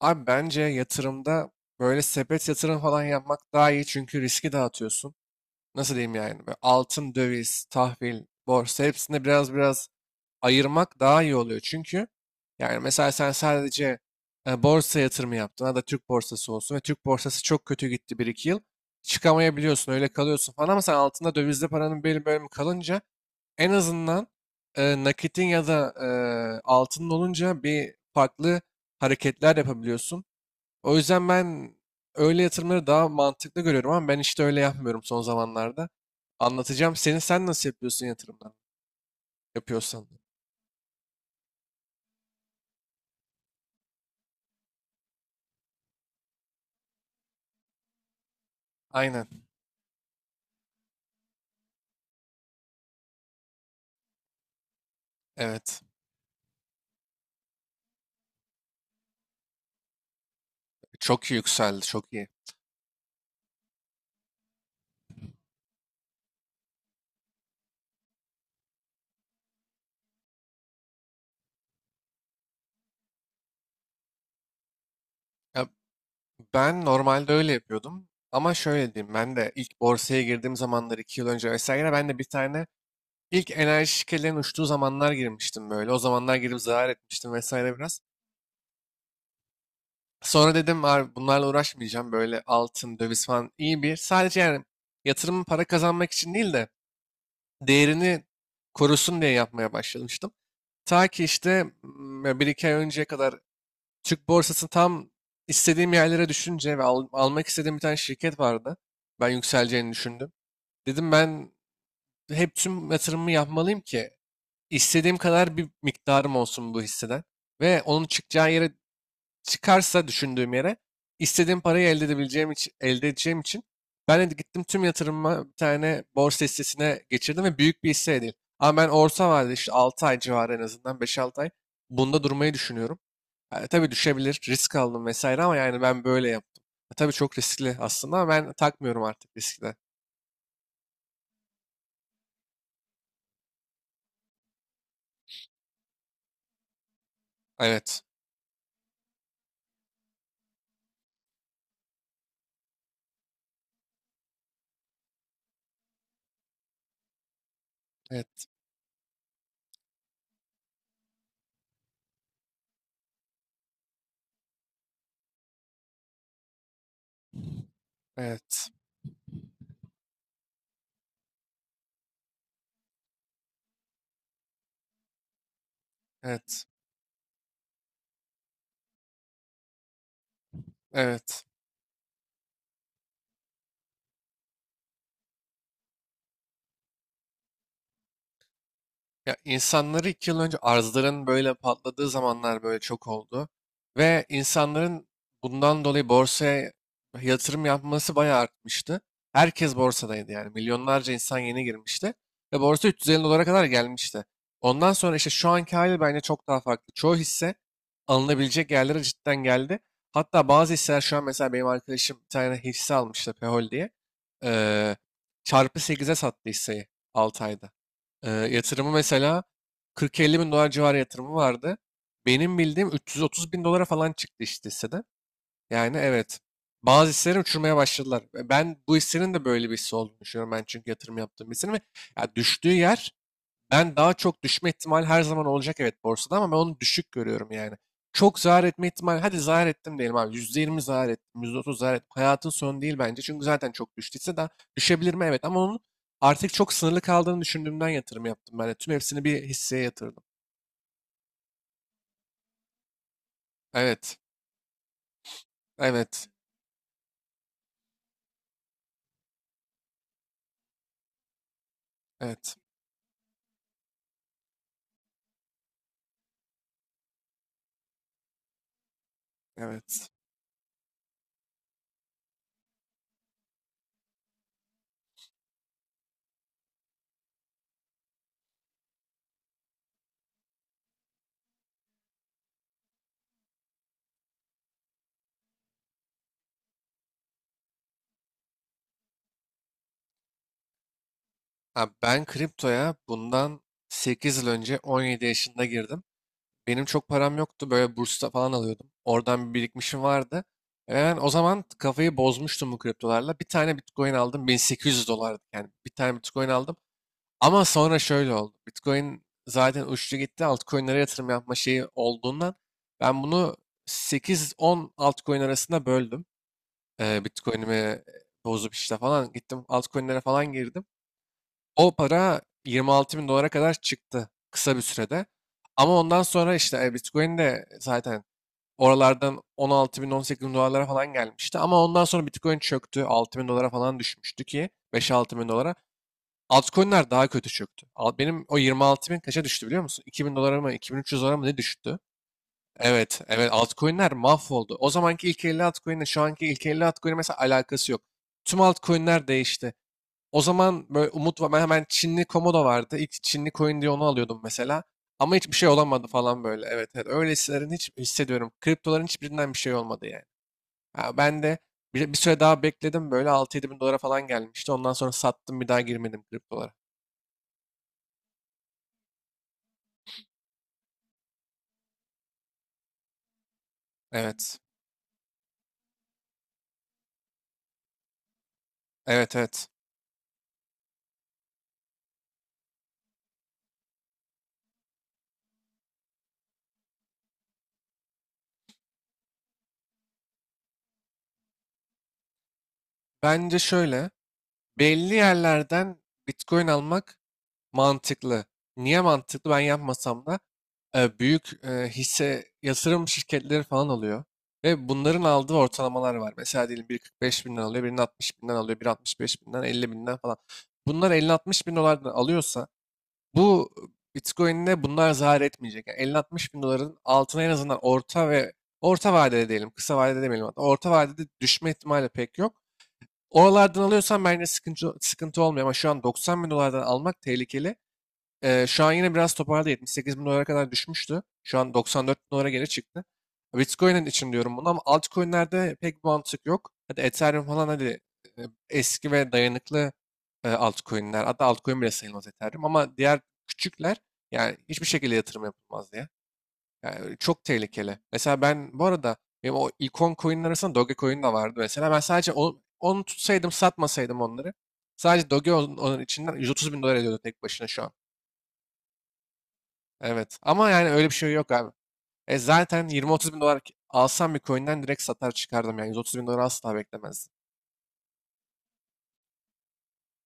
Abi bence yatırımda böyle sepet yatırım falan yapmak daha iyi çünkü riski dağıtıyorsun. Nasıl diyeyim yani? Böyle altın, döviz, tahvil, borsa hepsinde biraz biraz ayırmak daha iyi oluyor. Çünkü yani mesela sen sadece borsa yatırımı yaptın ya da Türk borsası olsun ve Türk borsası çok kötü gitti bir iki yıl. Çıkamayabiliyorsun öyle kalıyorsun falan ama sen altında dövizde paranın belli bölümü kalınca en azından nakitin ya da altının olunca bir farklı hareketler yapabiliyorsun. O yüzden ben öyle yatırımları daha mantıklı görüyorum ama ben işte öyle yapmıyorum son zamanlarda. Anlatacağım seni. Sen nasıl yapıyorsun yatırımlar? Yapıyorsan. Aynen. Evet. Çok iyi yükseldi. Çok iyi. Ya ben normalde öyle yapıyordum. Ama şöyle diyeyim. Ben de ilk borsaya girdiğim zamanlar 2 yıl önce vesaire ben de bir tane ilk enerji şirketlerinin uçtuğu zamanlar girmiştim böyle. O zamanlar girip zarar etmiştim vesaire biraz. Sonra dedim abi bunlarla uğraşmayacağım. Böyle altın, döviz falan iyi bir. Sadece yani yatırımın para kazanmak için değil de değerini korusun diye yapmaya başlamıştım. Ta ki işte bir iki ay önceye kadar Türk borsası tam istediğim yerlere düşünce ve almak istediğim bir tane şirket vardı. Ben yükseleceğini düşündüm. Dedim ben hep tüm yatırımımı yapmalıyım ki istediğim kadar bir miktarım olsun bu hisseden. Ve onun çıkacağı yere çıkarsa düşündüğüm yere istediğim parayı elde edebileceğim için, elde edeceğim için ben de gittim tüm yatırımımı bir tane borsa hissesine geçirdim ve büyük bir hisse değil. Ama ben orta vadede işte 6 ay civarı en azından beş 6 ay bunda durmayı düşünüyorum. Ha, tabii düşebilir, risk aldım vesaire ama yani ben böyle yaptım. Ha, tabii çok riskli aslında ama ben takmıyorum artık riskle. Evet, evet, evet, evet, evet. Ya insanları 2 yıl önce arzların böyle patladığı zamanlar böyle çok oldu. Ve insanların bundan dolayı borsaya yatırım yapması bayağı artmıştı. Herkes borsadaydı yani. Milyonlarca insan yeni girmişti. Ve borsa 350 dolara kadar gelmişti. Ondan sonra işte şu anki hali bence çok daha farklı. Çoğu hisse alınabilecek yerlere cidden geldi. Hatta bazı hisseler şu an mesela benim arkadaşım bir tane hisse almıştı Pehol diye. Ee, çarpı sekize sattı hisseyi 6 ayda. Yatırımı mesela 40-50 bin dolar civarı yatırımı vardı. Benim bildiğim 330 bin dolara falan çıktı işte hisseden. Yani evet. Bazı hisseleri uçurmaya başladılar. Ve ben bu hissenin de böyle bir hisse olduğunu düşünüyorum. Ben çünkü yatırım yaptığım bir hissenin ve ya düştüğü yer ben daha çok düşme ihtimali her zaman olacak evet borsada ama ben onu düşük görüyorum yani. Çok zarar etme ihtimali, hadi zarar ettim diyelim abi. %20 zarar ettim, %30 zarar ettim. Hayatın sonu değil bence. Çünkü zaten çok düştüyse daha düşebilir mi? Evet ama onun artık çok sınırlı kaldığını düşündüğümden yatırım yaptım ben de. Tüm hepsini bir hisseye yatırdım. Evet, evet, evet, evet. Abi ben kriptoya bundan 8 yıl önce 17 yaşında girdim. Benim çok param yoktu. Böyle bursta falan alıyordum. Oradan bir birikmişim vardı. Ben o zaman kafayı bozmuştum bu kriptolarla. Bir tane Bitcoin aldım. 1800 dolardı. Yani bir tane Bitcoin aldım. Ama sonra şöyle oldu. Bitcoin zaten uçtu gitti. Altcoin'lere yatırım yapma şeyi olduğundan ben bunu 8-10 altcoin arasında böldüm. Bitcoin'imi bozup işte falan gittim. Altcoin'lere falan girdim. O para 26 bin dolara kadar çıktı kısa bir sürede. Ama ondan sonra işte Bitcoin de zaten oralardan 16 bin 18 bin dolarlara falan gelmişti. Ama ondan sonra Bitcoin çöktü. 6 bin dolara falan düşmüştü ki 5-6 bin dolara. Altcoin'ler daha kötü çöktü. Benim o 26 bin kaça düştü biliyor musun? 2 bin dolara mı 2300 dolara mı ne düştü? Evet, evet altcoin'ler mahvoldu. O zamanki ilk 50 altcoin'le şu anki ilk 50 altcoin'in mesela alakası yok. Tüm altcoin'ler değişti. O zaman böyle umut var. Ben hemen Çinli Komodo vardı. İlk Çinli coin diye onu alıyordum mesela. Ama hiçbir şey olamadı falan böyle. Evet evet. Öyle hisselerin hiç hissediyorum. Kriptoların hiçbirinden bir şey olmadı yani. Ha, ben de bir süre daha bekledim. Böyle 6-7 bin dolara falan gelmişti. Ondan sonra sattım bir daha girmedim kriptolara. Evet. Evet evet. Bence şöyle. Belli yerlerden Bitcoin almak mantıklı. Niye mantıklı? Ben yapmasam da büyük hisse yatırım şirketleri falan alıyor. Ve bunların aldığı ortalamalar var. Mesela diyelim biri 45 binden alıyor, birinin 60 binden alıyor, biri 65 binden, 50 binden falan. Bunlar 50-60 bin dolardan alıyorsa bu Bitcoin'de bunlar zarar etmeyecek. Yani 50-60 bin doların altına en azından orta ve orta vadede diyelim, kısa vadede demeyelim hatta. Orta vadede düşme ihtimali pek yok. Oralardan alıyorsan bence sıkıntı, sıkıntı olmuyor ama şu an 90 bin dolardan almak tehlikeli. Şu an yine biraz toparladı. 78 bin dolara kadar düşmüştü. Şu an 94 bin dolara geri çıktı. Bitcoin'in için diyorum bunu ama altcoin'lerde pek bir mantık yok. Hadi Ethereum falan hadi e, eski ve dayanıklı altcoin'ler. Hatta altcoin bile sayılmaz Ethereum ama diğer küçükler yani hiçbir şekilde yatırım yapılmaz diye. Yani çok tehlikeli. Mesela ben bu arada benim o ikon coin'in arasında Dogecoin de vardı mesela. Ben sadece onu tutsaydım satmasaydım onları. Sadece Doge onun içinden 130 bin dolar ediyordu tek başına şu an. Evet. Ama yani öyle bir şey yok abi. E zaten 20-30 bin dolar alsam bir coin'den direkt satar çıkardım yani. 130 bin dolar asla beklemezdim.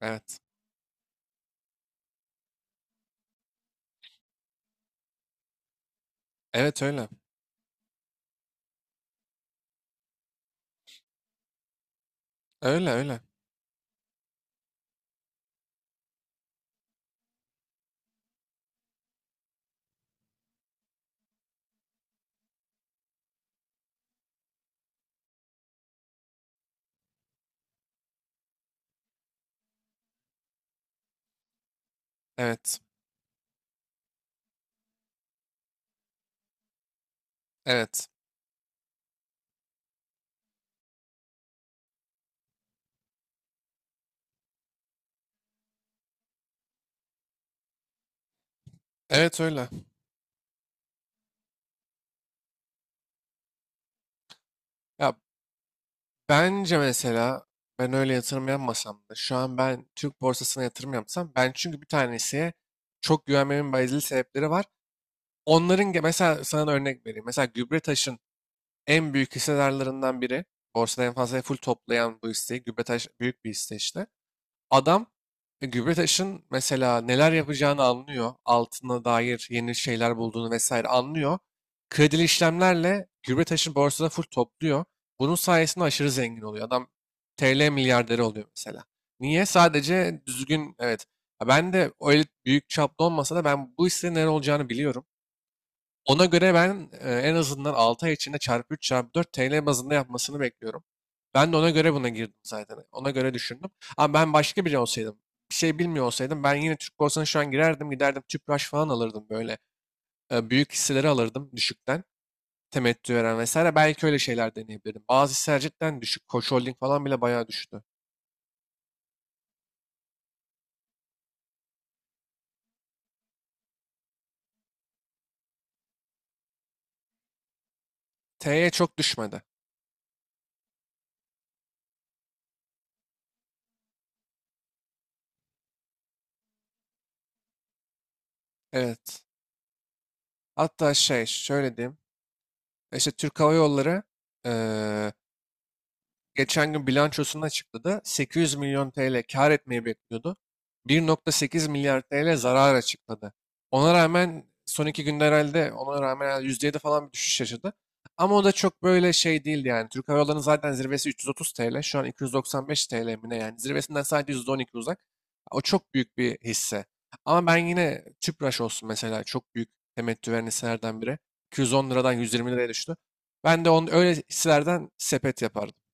Evet. Evet öyle. Öyle öyle. Evet. Evet. Evet öyle. Ya bence mesela ben öyle yatırım yapmasam da şu an ben Türk borsasına yatırım yapsam ben çünkü bir tanesiye çok güvenmemin bazı sebepleri var. Onların mesela sana da örnek vereyim. Mesela Gübretaş'ın en büyük hissedarlarından biri. Borsada en fazla full toplayan bu hisseyi. Gübretaş büyük bir hisse işte. Adam Gübretaş'ın mesela neler yapacağını anlıyor. Altına dair yeni şeyler bulduğunu vesaire anlıyor. Kredili işlemlerle Gübretaş'ın borsada full topluyor. Bunun sayesinde aşırı zengin oluyor. Adam TL milyarderi oluyor mesela. Niye? Sadece düzgün evet. Ha, ben de öyle büyük çaplı olmasa da ben bu işlerin ne olacağını biliyorum. Ona göre ben en azından 6 ay içinde çarpı 3 çarpı 4 TL bazında yapmasını bekliyorum. Ben de ona göre buna girdim zaten. Ona göre düşündüm. Ama ben başka biri olsaydım, bir şey bilmiyor olsaydım ben yine Türk borsasına şu an girerdim, giderdim Tüpraş falan alırdım böyle. Büyük hisseleri alırdım düşükten. Temettü veren vesaire. Belki öyle şeyler deneyebilirim. Bazı hisseler cidden düşük. Koç Holding falan bile bayağı düştü. T'ye çok düşmedi. Evet. Hatta şey şöyle diyeyim. İşte Türk Hava Yolları e, geçen gün bilançosunu açıkladı. 800 milyon TL kar etmeyi bekliyordu. 1.8 milyar TL zarar açıkladı. Ona rağmen son 2 günde herhalde ona rağmen herhalde %7 falan bir düşüş yaşadı. Ama o da çok böyle şey değildi yani. Türk Hava Yolları'nın zaten zirvesi 330 TL. Şu an 295 TL mi ne yani. Zirvesinden sadece %12 uzak. O çok büyük bir hisse. Ama ben yine Tüpraş olsun mesela çok büyük temettü veren hisselerden biri. 210 liradan 120 liraya düştü. Ben de onun öyle hisselerden sepet yapardım.